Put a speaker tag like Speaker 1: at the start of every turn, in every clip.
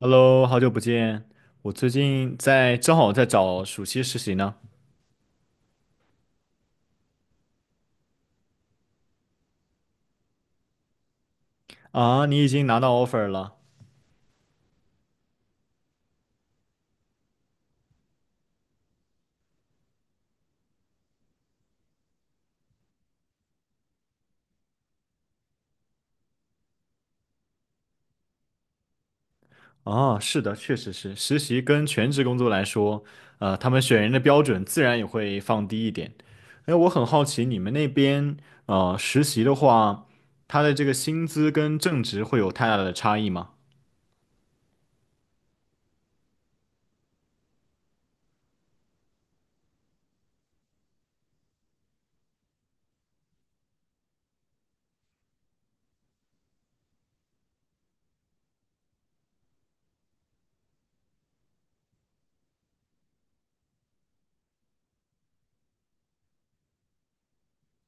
Speaker 1: Hello，好久不见。我最近正好在找暑期实习呢。啊，你已经拿到 offer 了？啊，是的，确实是。实习跟全职工作来说，他们选人的标准自然也会放低一点。哎，我很好奇你们那边，实习的话，他的这个薪资跟正职会有太大的差异吗？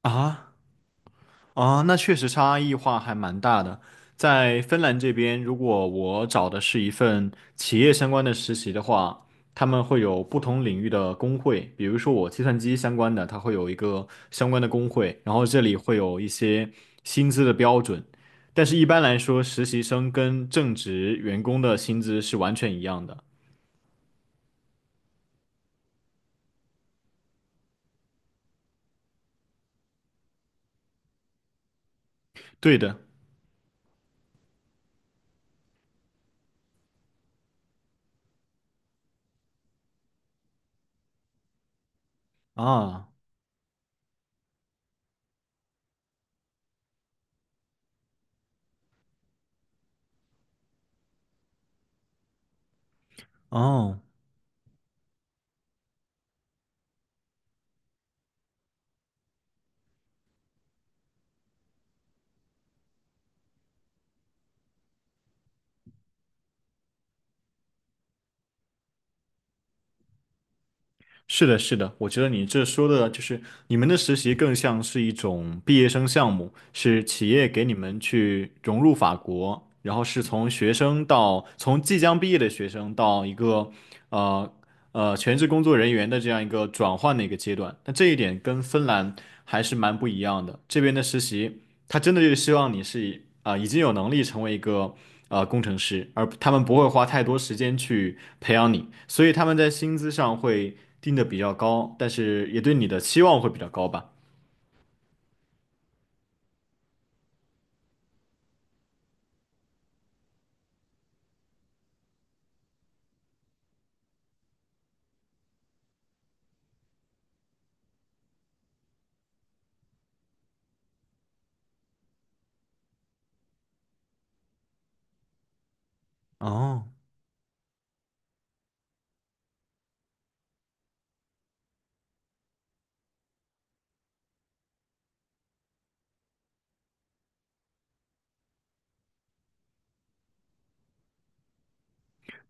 Speaker 1: 啊？啊，那确实差异化还蛮大的。在芬兰这边，如果我找的是一份企业相关的实习的话，他们会有不同领域的工会，比如说我计算机相关的，它会有一个相关的工会，然后这里会有一些薪资的标准，但是一般来说，实习生跟正职员工的薪资是完全一样的。对的，啊，哦。是的，是的，我觉得你这说的就是你们的实习更像是一种毕业生项目，是企业给你们去融入法国，然后是从学生到从即将毕业的学生到一个呃全职工作人员的这样一个转换的一个阶段。那这一点跟芬兰还是蛮不一样的。这边的实习他真的就是希望你是已经有能力成为一个工程师，而他们不会花太多时间去培养你，所以他们在薪资上会定的比较高，但是也对你的期望会比较高吧。哦。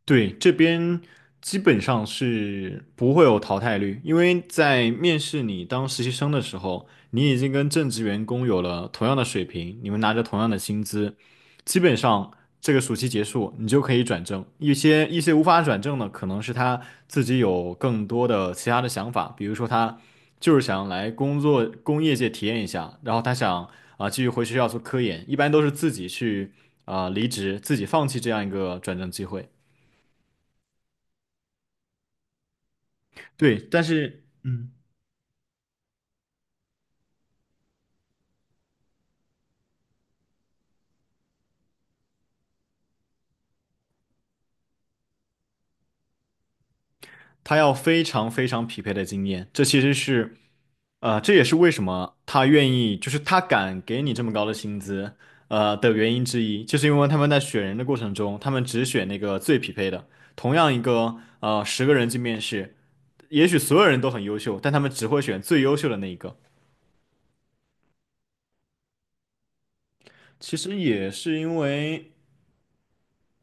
Speaker 1: 对，这边基本上是不会有淘汰率，因为在面试你当实习生的时候，你已经跟正职员工有了同样的水平，你们拿着同样的薪资，基本上这个暑期结束，你就可以转正。一些无法转正的，可能是他自己有更多的其他的想法，比如说他就是想来工业界体验一下，然后他想继续回学校做科研，一般都是自己去离职，自己放弃这样一个转正机会。对，但是他要非常非常匹配的经验，这也是为什么他愿意，就是他敢给你这么高的薪资，的原因之一，就是因为他们在选人的过程中，他们只选那个最匹配的。同样10个人去面试，也许所有人都很优秀，但他们只会选最优秀的那一个。其实也是因为。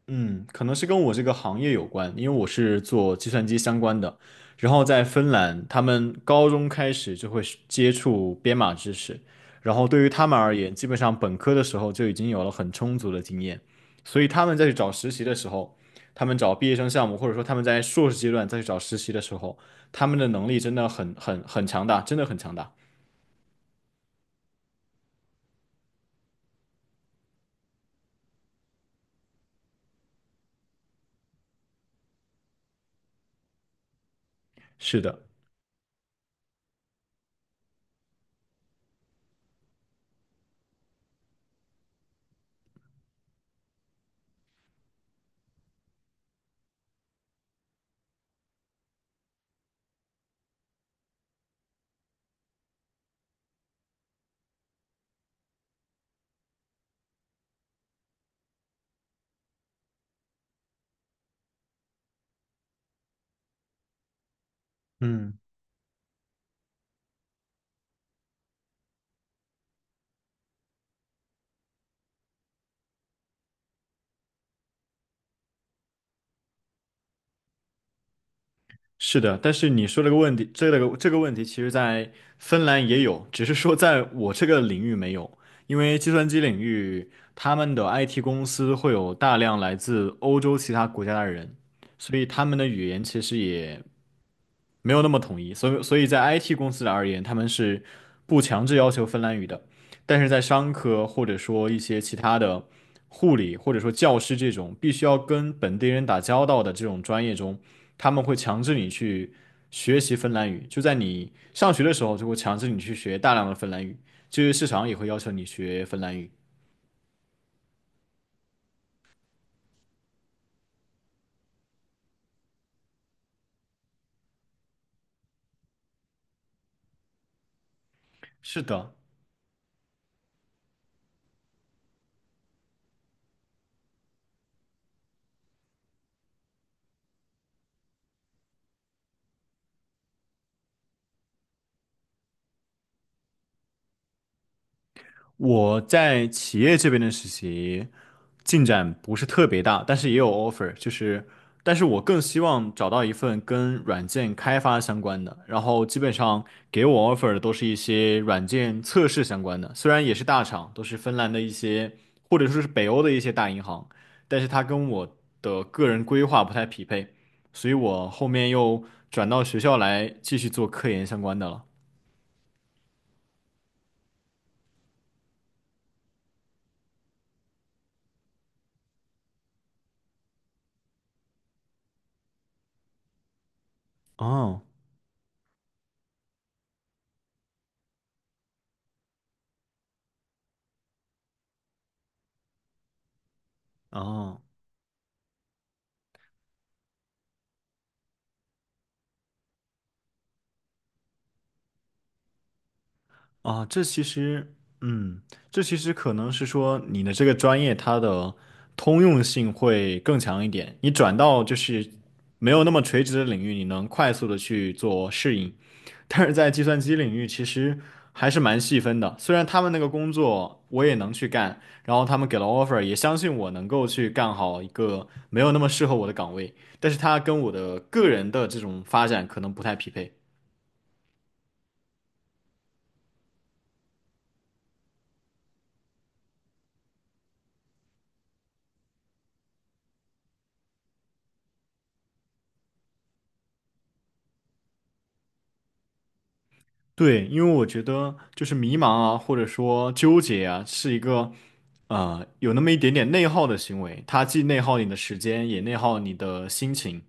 Speaker 1: 嗯，可能是跟我这个行业有关，因为我是做计算机相关的。然后在芬兰，他们高中开始就会是接触编码知识，然后对于他们而言，基本上本科的时候就已经有了很充足的经验，所以他们再去找实习的时候，他们找毕业生项目，或者说他们在硕士阶段再去找实习的时候，他们的能力真的很强大，真的很强大。是的，嗯。是的，但是你说这个问题，这个问题，其实在芬兰也有，只是说在我这个领域没有，因为计算机领域他们的 IT 公司会有大量来自欧洲其他国家的人，所以他们的语言其实也没有那么统一，所以在 IT 公司而言，他们是不强制要求芬兰语的，但是在商科或者说一些其他的护理或者说教师这种必须要跟本地人打交道的这种专业中。他们会强制你去学习芬兰语，就在你上学的时候就会强制你去学大量的芬兰语，就业市场也会要求你学芬兰语。是的，我在企业这边的实习进展不是特别大，但是也有 offer，就是，但是我更希望找到一份跟软件开发相关的，然后基本上给我 offer 的都是一些软件测试相关的，虽然也是大厂，都是芬兰的一些或者说是北欧的一些大银行，但是它跟我的个人规划不太匹配，所以我后面又转到学校来继续做科研相关的了。哦哦。啊，嗯，这其实可能是说你的这个专业它的通用性会更强一点，你转到就是没有那么垂直的领域，你能快速的去做适应。但是在计算机领域，其实还是蛮细分的。虽然他们那个工作我也能去干，然后他们给了 offer，也相信我能够去干好一个没有那么适合我的岗位，但是它跟我的个人的这种发展可能不太匹配。对，因为我觉得就是迷茫啊，或者说纠结啊，是一个有那么一点点内耗的行为，它既内耗你的时间，也内耗你的心情。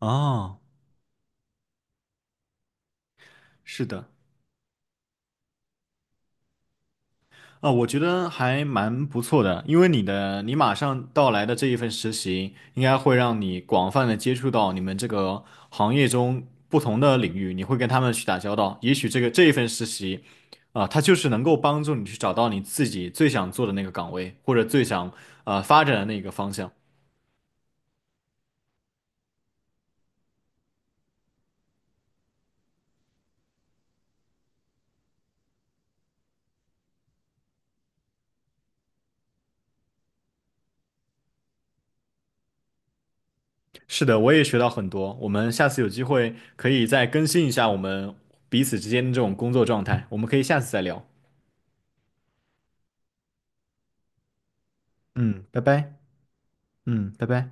Speaker 1: 哦，是的，啊，我觉得还蛮不错的，因为你马上到来的这一份实习，应该会让你广泛的接触到你们这个行业中不同的领域，你会跟他们去打交道。也许这一份实习，啊，它就是能够帮助你去找到你自己最想做的那个岗位，或者最想发展的那个方向。是的，我也学到很多。我们下次有机会可以再更新一下我们彼此之间的这种工作状态，我们可以下次再聊。嗯，拜拜。嗯，拜拜。